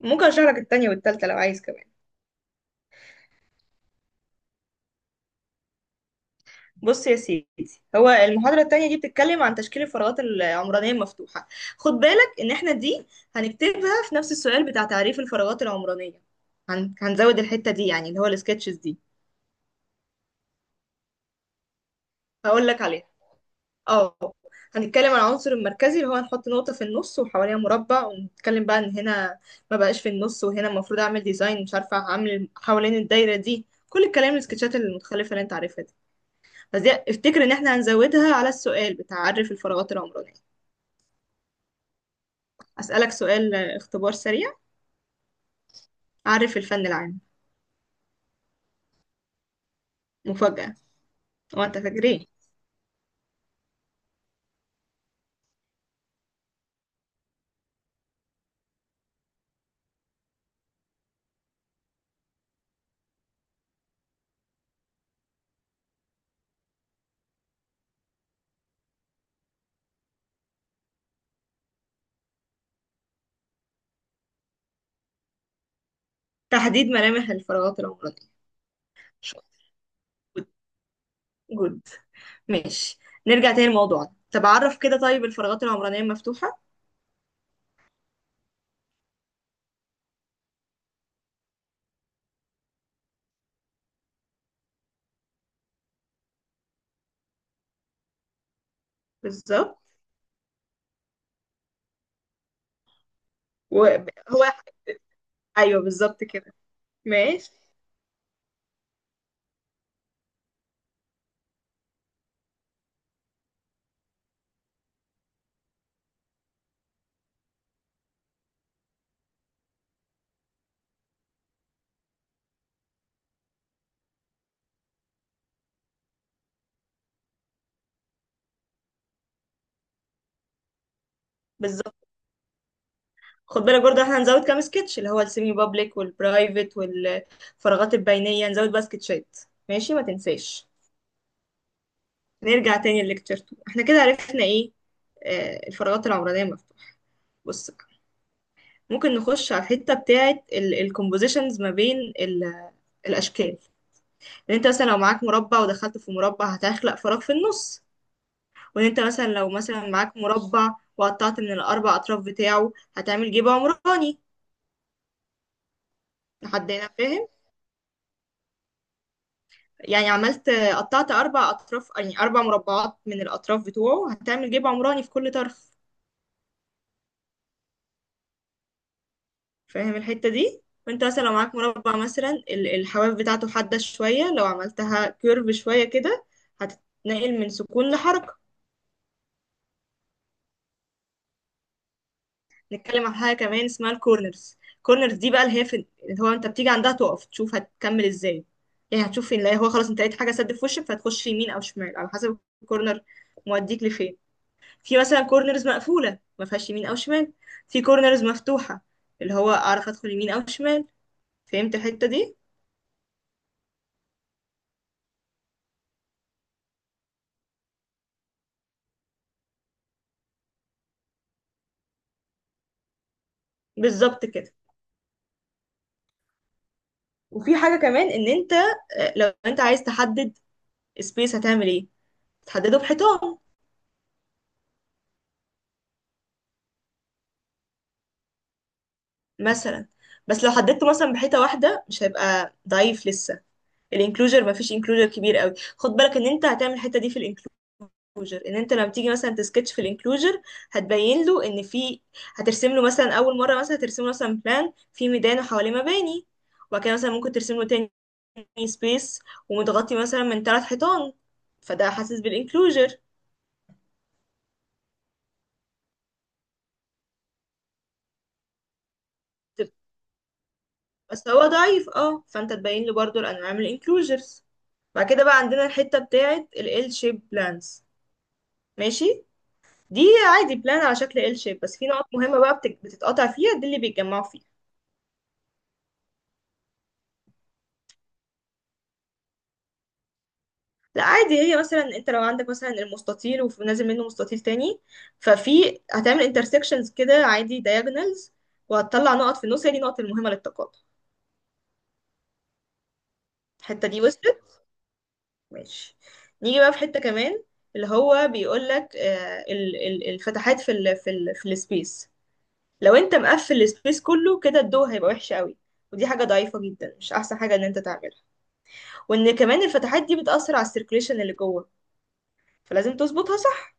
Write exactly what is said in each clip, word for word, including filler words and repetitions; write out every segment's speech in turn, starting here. ممكن اشرح لك التانية والتالتة لو عايز كمان. بص يا سيدي، هو المحاضرة التانية دي بتتكلم عن تشكيل الفراغات العمرانية المفتوحة. خد بالك ان احنا دي هنكتبها في نفس السؤال بتاع تعريف الفراغات العمرانية. هن... هنزود الحتة دي يعني اللي هو السكتشز دي. هقول لك عليها. اه، هنتكلم عن العنصر المركزي اللي هو هنحط نقطة في النص وحواليها مربع ونتكلم بقى ان هنا ما بقاش في النص، وهنا المفروض اعمل ديزاين، مش عارفة اعمل حوالين الدايرة دي كل الكلام السكتشات المتخلفة اللي انت عارفها دي. بس دي افتكر ان احنا هنزودها على السؤال بتاع عرف الفراغات العمرانية. اسألك سؤال، آه، اختبار سريع. عرف الفن العام. مفاجأة. وانت فاكر ايه؟ تحديد ملامح الفراغات العمرانية. شاطر. جود. ماشي. نرجع تاني لموضوعنا. طب عرف كده طيب الفراغات العمرانية مفتوحة. بالظبط. وهو. ايوه بالظبط كده. ماشي. بالظبط. خد بالك برضه احنا هنزود كام سكتش اللي هو السيمي بابليك والبرايفت والفراغات البينية، هنزود بقى سكتشات. ماشي، ما تنساش. نرجع تاني لليكتشر اتنين. احنا كده عرفنا ايه؟ آه، الفراغات العمرانية المفتوحة. بص بقى، ممكن نخش على الحتة بتاعة الكومبوزيشنز ما بين ال- الأشكال. إن أنت مثلا لو معاك مربع ودخلت في مربع هتخلق فراغ في النص. وإن أنت مثلا لو مثلا معاك مربع وقطعت من الأربع أطراف بتاعه هتعمل جيب عمراني. لحد هنا فاهم؟ يعني عملت قطعت أربع أطراف، يعني أربع مربعات من الأطراف بتوعه، هتعمل جيب عمراني في كل طرف. فاهم الحتة دي؟ فانت مثلا لو معاك مربع مثلا ال- الحواف بتاعته حادة شوية، لو عملتها كيرف شوية كده هتتنقل من سكون لحركة. نتكلم عن حاجة كمان اسمها الكورنرز. الكورنرز دي بقى اللي هي في، اللي هو انت بتيجي عندها تقف تشوف هتكمل ازاي. يعني هتشوف فين، لا هو خلاص انت لقيت حاجة سد في وشك فهتخش يمين او شمال على حسب الكورنر موديك لفين. في مثلا كورنرز مقفولة ما فيهاش يمين او شمال، في كورنرز مفتوحة اللي هو اعرف ادخل يمين او شمال. فهمت الحتة دي؟ بالظبط كده. وفي حاجة كمان ان انت، آه، لو انت عايز تحدد سبيس هتعمل ايه؟ تحدده بحيطان مثلا. بس لو حددته مثلا بحيطة واحدة مش هيبقى ضعيف لسه الانكلوجر، مفيش انكلوجر كبير قوي. خد بالك ان انت هتعمل الحتة دي في الانكلوجر، ان انت لما تيجي مثلا تسكتش في الانكلوجر هتبين له ان في، هترسم له مثلا اول مرة مثلا هترسم له مثلا بلان في ميدان وحواليه مباني، وبعد كده مثلا ممكن ترسم له تاني سبيس ومتغطي مثلا من ثلاث حيطان، فده حاسس بالانكلوجر. بس هو ضعيف اه، فانت تبين له برضو الانواع من الانكلوجرز. بعد كده بقى عندنا الحتة بتاعة ال L shape plans. ماشي. دي عادي بلان على شكل L shape، بس في نقط مهمة بقى بت- بتتقطع فيها دي اللي بيتجمعوا فيها. لا عادي، هي مثلا انت لو عندك مثلا المستطيل ونازل منه مستطيل تاني ففي هتعمل intersections كده عادي diagonals، وهتطلع نقط في النص هي دي النقط المهمة للتقاطع. الحتة دي وصلت؟ ماشي. نيجي بقى في حتة كمان، اللي هو بيقول لك الفتحات في ال في ال في السبيس. لو انت مقفل السبيس كله كده الضوء هيبقى وحش قوي، ودي حاجة ضعيفة جدا مش احسن حاجة ان انت تعملها. وان كمان الفتحات دي بتأثر على السيركليشن اللي جوه، فلازم تظبطها صح.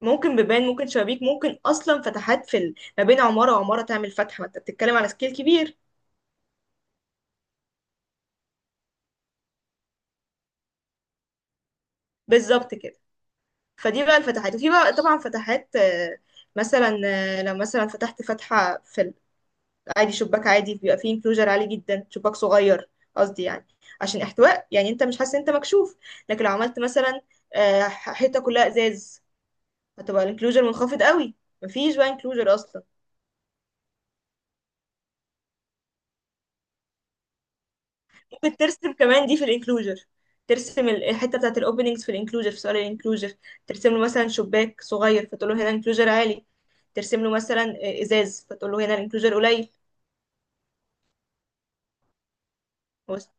ممكن بيبان، ممكن شبابيك، ممكن اصلا فتحات في ال... ما بين عمارة وعمارة تعمل فتحة، ما انت بتتكلم على سكيل كبير. بالظبط كده. فدي بقى الفتحات، وفي بقى طبعا فتحات، آه، مثلا آه، لو مثلا فتحت فتحة في، عادي شباك عادي بيبقى فيه انكلوجر عالي جدا، شباك صغير قصدي يعني، عشان احتواء يعني انت مش حاسس ان انت مكشوف. لكن لو عملت مثلا آه، حيطه كلها ازاز هتبقى الانكلوجر منخفض قوي، مفيش بقى انكلوجر اصلا. ممكن ترسم كمان دي في الانكلوجر، ترسم ال- الحته بتاعت الاوبننجز في الانكلوجر في سؤال الانكلوجر. ترسم له مثلا شباك صغير فتقول له هنا انكلوجر عالي. ترسم له مثلا آه، ازاز فتقول له هنا الانكلوجر قليل. بس-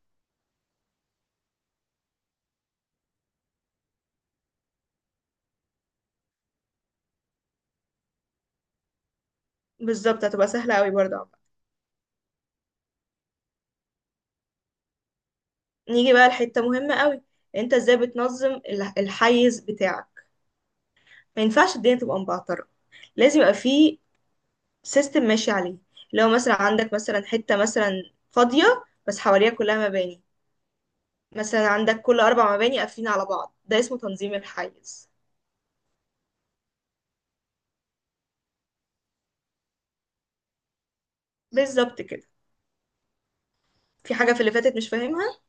بالظبط هتبقى سهله قوي برضه. نيجي بقى لحتة مهمة قوي، انت ازاي بتنظم ال- الحيز بتاعك؟ ما ينفعش الدنيا تبقى مبعترة، لازم يبقى في سيستم ماشي عليه. لو مثلا عندك مثلا حتة مثلا فاضية بس حواليها كلها مباني، مثلا عندك كل أربع مباني قافلين على بعض، ده اسمه تنظيم الحيز. بالظبط كده. في حاجة في اللي فاتت مش فاهمها؟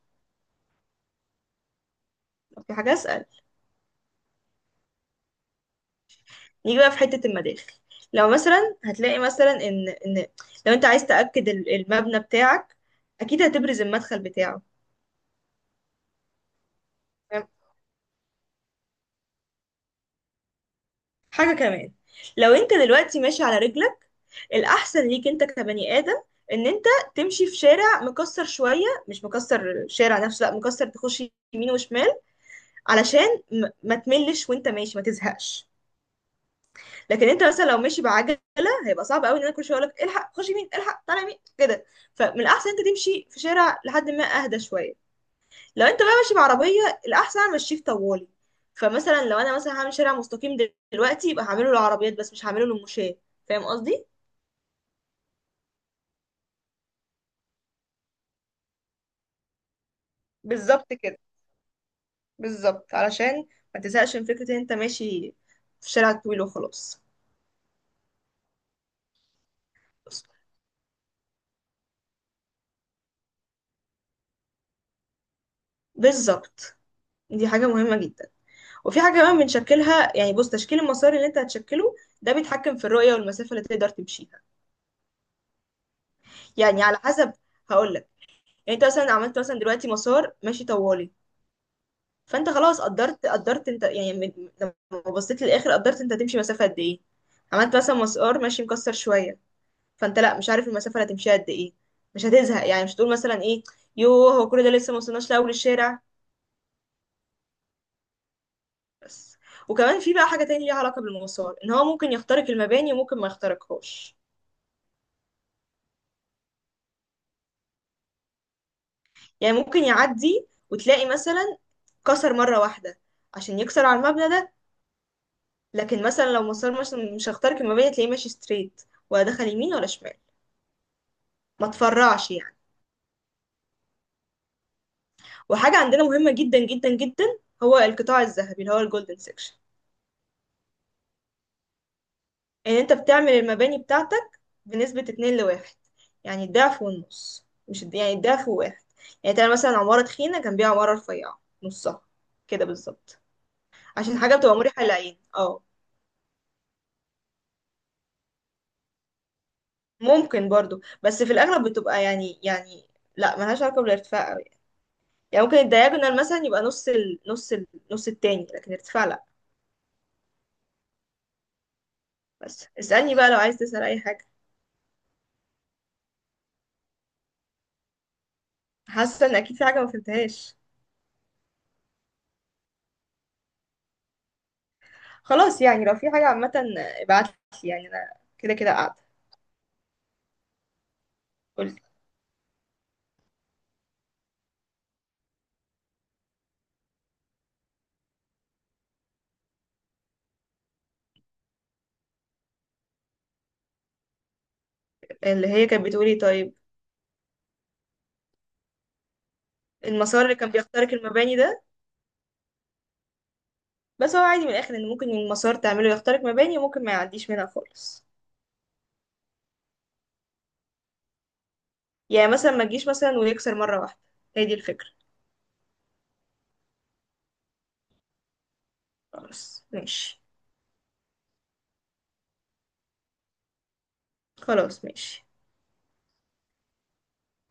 طب في حاجة أسأل؟ نيجي بقى في حتة المداخل. لو مثلا هتلاقي مثلا إن إن لو أنت عايز تأكد ال- المبنى بتاعك، أكيد هتبرز المدخل بتاعه. حاجة كمان، لو انت دلوقتي ماشي على رجلك، الأحسن ليك انت كبني آدم ان انت تمشي في شارع مكسر شوية، مش مكسر الشارع نفسه، لا مكسر تخش يمين وشمال، علشان م- ما تملش وانت ماشي ما تزهقش. لكن انت مثلا لو ماشي بعجلة هيبقى صعب قوي ان انا كل شوية اقولك الحق خش يمين الحق طالع يمين كده، فمن الأحسن انت تمشي في شارع لحد ما اهدى شوية. لو انت بقى ماشي بعربيه الاحسن امشيه في طوالي. فمثلا لو انا مثلا هعمل شارع مستقيم دلوقتي يبقى هعمله للعربيات بس مش هعمله للمشاة. فاهم قصدي؟ بالظبط كده. بالظبط علشان ما تزهقش من فكره ان انت ماشي في شارع طويل وخلاص. بالظبط. دي حاجه مهمه جدا. وفي حاجه كمان بنشكلها، يعني بص تشكيل المسار اللي انت هتشكله ده بيتحكم في الرؤيه والمسافه اللي تقدر تمشيها. يعني على حسب، هقول لك، يعني انت مثلا عملت مثلا دلوقتي مسار ماشي طوالي، فانت خلاص قدرت، قدرت انت يعني من- لما بصيت للاخر قدرت انت هتمشي مسافه قد ايه. عملت مثلا مسار ماشي مكسر شويه، فانت لا مش عارف المسافه اللي هتمشيها قد ايه، مش هتزهق، يعني مش هتقول مثلا ايه، يوه هو كل ده لسه ما وصلناش لاول الشارع. بس. وكمان في بقى حاجه تانية ليها علاقه بالمسار ان هو ممكن يخترق المباني وممكن ما يخترقهاش. يعني ممكن يعدي وتلاقي مثلا كسر مره واحده عشان يكسر على المبنى ده. لكن مثلا لو مسار مش مش هخترق المباني تلاقيه ماشي ستريت، ولا دخل يمين ولا شمال، ما تفرعش يعني. وحاجة عندنا مهمة جدا جدا جدا، هو القطاع الذهبي اللي هو الجولدن سيكشن. ان انت بتعمل المباني بتاعتك بنسبة اتنين لواحد، يعني الضعف والنص، مش الد- يعني الضعف وواحد. يعني تعمل مثلا عمارة تخينة جنبيها عمارة رفيعة نصها كده بالظبط، عشان حاجة بتبقى مريحة للعين اه. ممكن برضو، بس في الأغلب بتبقى يعني يعني لا، ملهاش علاقة بالارتفاع أوي. يعني ممكن الدياجونال مثلا يبقى نص ال... نص ال... نص التاني، لكن الارتفاع لا. بس اسألني بقى لو عايز تسأل أي حاجة. حاسة إن أكيد في حاجة ما فهمتهاش. خلاص يعني لو في حاجة عامة ابعتلي، يعني أنا كده كده قاعدة. قولي. اللي هي كانت بتقولي طيب. المسار اللي كان بيخترق المباني ده، بس هو عادي من الآخر، إن ممكن المسار تعمله يخترق مباني وممكن ما يعديش منها خالص. يعني مثلا ما تجيش مثلا ويكسر مرة واحدة، هي دي الفكرة. خلاص ماشي. خلاص ماشي.